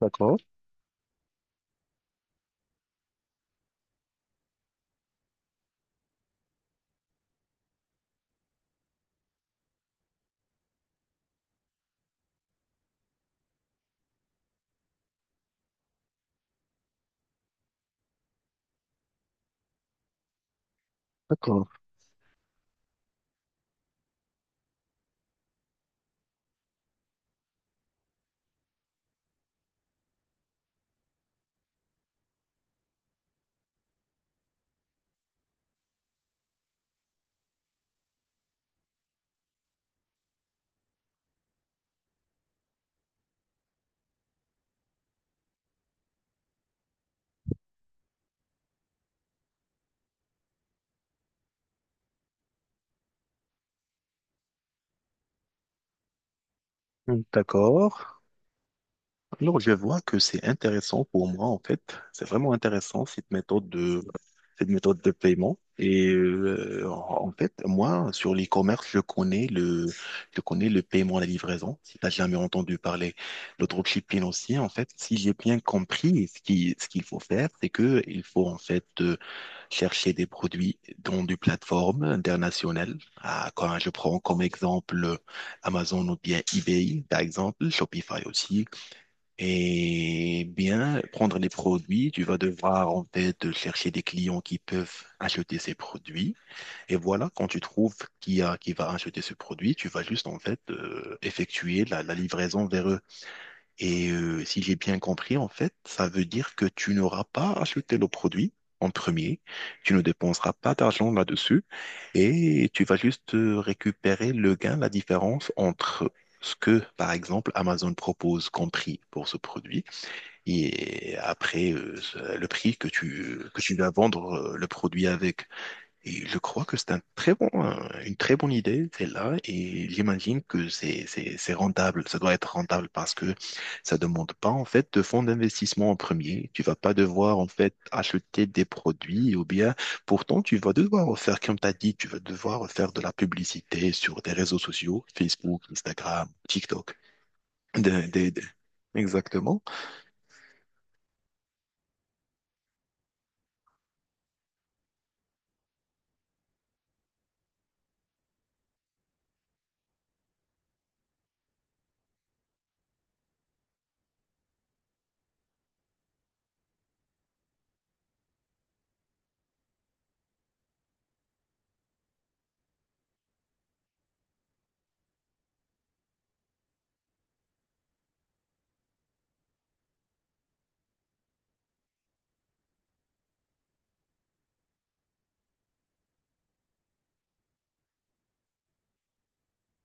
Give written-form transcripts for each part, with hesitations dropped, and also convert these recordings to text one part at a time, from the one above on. D'accord, d'accord, d'accord. Alors, je vois que c'est intéressant pour moi, en fait. C'est vraiment intéressant, cette méthode de paiement. Et en fait, moi, sur l'e-commerce, je connais le paiement à la livraison, si tu jamais entendu parler. Le dropshipping aussi, en fait, si j'ai bien compris, ce qu'il faut faire, c'est que il faut, en fait, chercher des produits dans des plateformes internationales. Ah, quand je prends comme exemple Amazon ou bien eBay, par exemple, Shopify aussi. Et bien, prendre les produits, tu vas devoir en fait chercher des clients qui peuvent acheter ces produits. Et voilà, quand tu trouves qui va acheter ce produit, tu vas juste en fait effectuer la livraison vers eux. Et si j'ai bien compris, en fait, ça veut dire que tu n'auras pas acheté le produit en premier, tu ne dépenseras pas d'argent là-dessus et tu vas juste récupérer le gain, la différence entre ce que, par exemple, Amazon propose comme prix pour ce produit et après le prix que tu vas vendre le produit avec. Et je crois que c'est une très bonne idée, celle-là, et j'imagine que c'est rentable. Ça doit être rentable parce que ça demande pas, en fait, de fonds d'investissement en premier. Tu vas pas devoir, en fait, acheter des produits ou bien, pourtant, tu vas devoir faire, comme tu as dit, tu vas devoir faire de la publicité sur des réseaux sociaux, Facebook, Instagram, TikTok. Des- des- des- Exactement.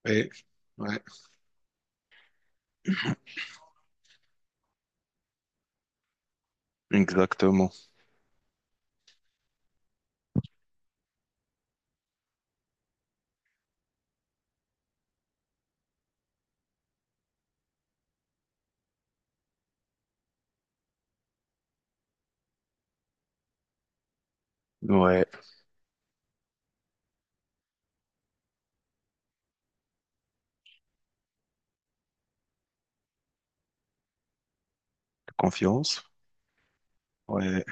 Et- ouais. Exactement. Ouais. Confiance. Ouais.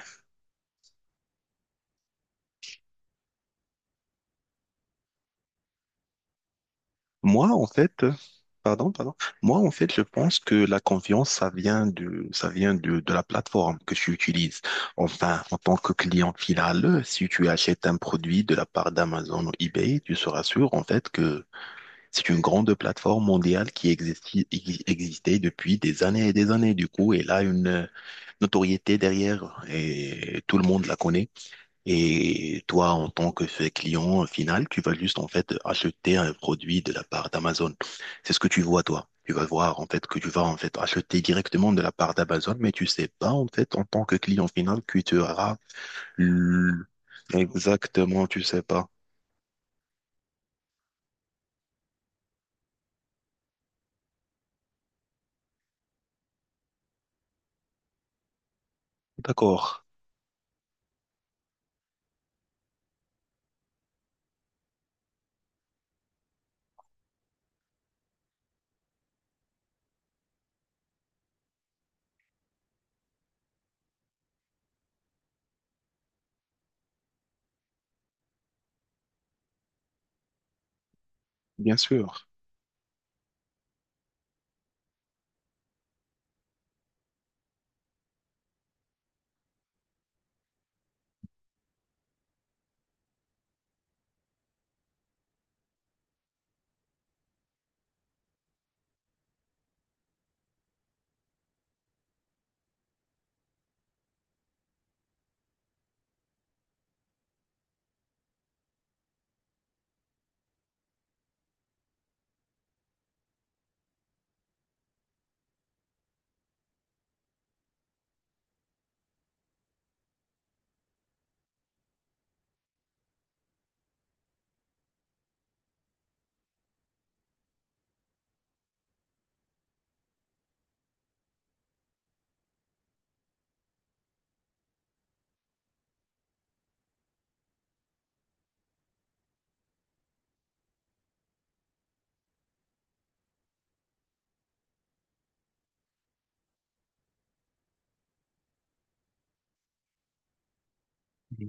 Moi, en fait, pardon, pardon. Moi, en fait, je pense que la confiance, ça vient de la plateforme que tu utilises. Enfin, en tant que client final, si tu achètes un produit de la part d'Amazon ou eBay, tu seras sûr, en fait, que c'est une grande plateforme mondiale qui existait depuis des années et des années. Du coup, elle a une notoriété derrière et tout le monde la connaît. Et toi, en tant que fait client final, tu vas juste en fait acheter un produit de la part d'Amazon. C'est ce que tu vois, toi. Tu vas voir en fait que tu vas en fait acheter directement de la part d'Amazon, mais tu sais pas en fait en tant que client final que tu auras le- exactement, tu sais pas. D'accord, bien sûr.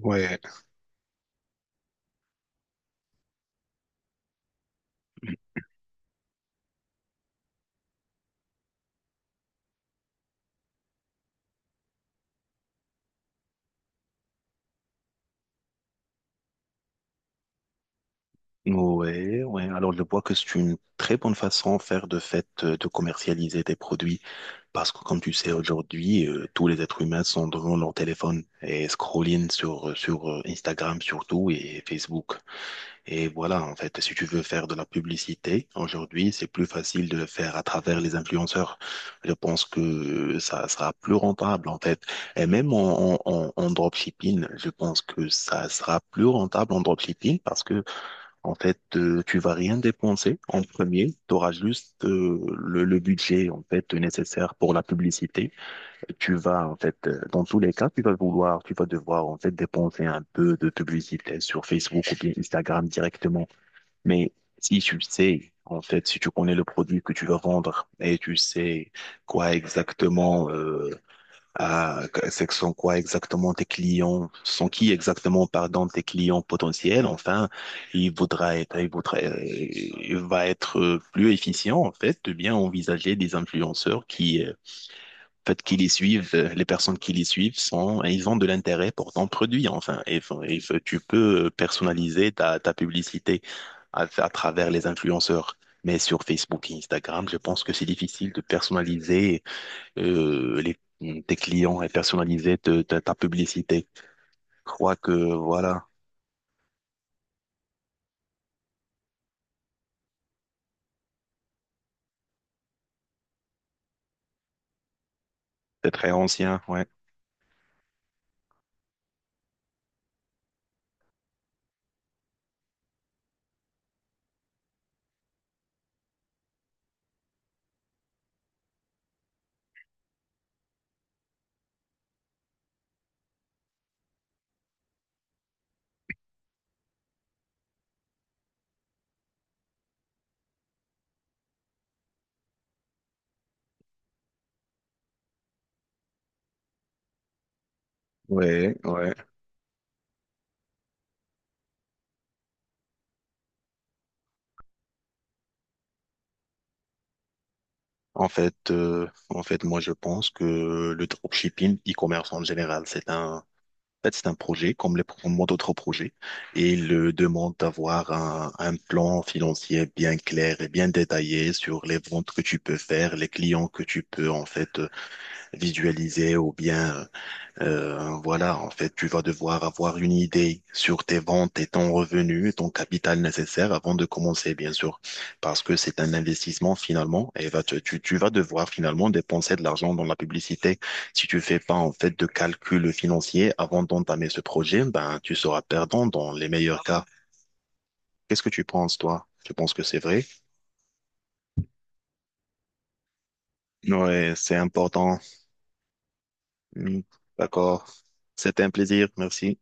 Ouais. Ouais, ouais. Alors, je vois que c'est une très bonne façon à faire de fait de commercialiser tes produits. Parce que comme tu sais, aujourd'hui, tous les êtres humains sont devant leur téléphone et scrolling sur Instagram surtout et Facebook. Et voilà, en fait, si tu veux faire de la publicité, aujourd'hui, c'est plus facile de le faire à travers les influenceurs. Je pense que ça sera plus rentable, en fait. Et même en dropshipping, je pense que ça sera plus rentable en dropshipping parce que en fait, tu vas rien dépenser en premier. Tu auras juste le budget en fait nécessaire pour la publicité. Tu vas en fait, dans tous les cas, tu vas devoir en fait dépenser un peu de publicité sur Facebook ou bien Instagram directement. Mais si tu sais en fait, si tu connais le produit que tu vas vendre et tu sais quoi exactement, c'est que sont quoi exactement tes clients, sont qui exactement, pardon, tes clients potentiels. Enfin, il voudra être, il voudra, il va être plus efficient, en fait, de bien envisager des influenceurs en fait, qui les suivent, les personnes qui les suivent sont, ils ont de l'intérêt pour ton produit, enfin, et, tu peux personnaliser ta publicité à travers les influenceurs. Mais sur Facebook et Instagram, je pense que c'est difficile de personnaliser les, tes clients et personnaliser ta publicité. Je crois que voilà, c'est très ancien, ouais. Ouais, ouais. En fait, moi, je pense que le dropshipping, e-commerce en général, en fait, c'est un projet comme les proprement d'autres projets et il demande d'avoir un plan financier bien clair et bien détaillé sur les ventes que tu peux faire, les clients que tu peux, en fait, visualiser ou bien. Voilà, en fait, tu vas devoir avoir une idée sur tes ventes et ton revenu, ton capital nécessaire avant de commencer, bien sûr, parce que c'est un investissement finalement et tu vas devoir finalement dépenser de l'argent dans la publicité. Si tu fais pas en fait de calcul financier avant d'entamer ce projet, ben tu seras perdant dans les meilleurs cas. Qu'est-ce que tu penses, toi? Tu penses que c'est vrai? Ouais, c'est important. Hmm, d'accord. C'était un plaisir. Merci.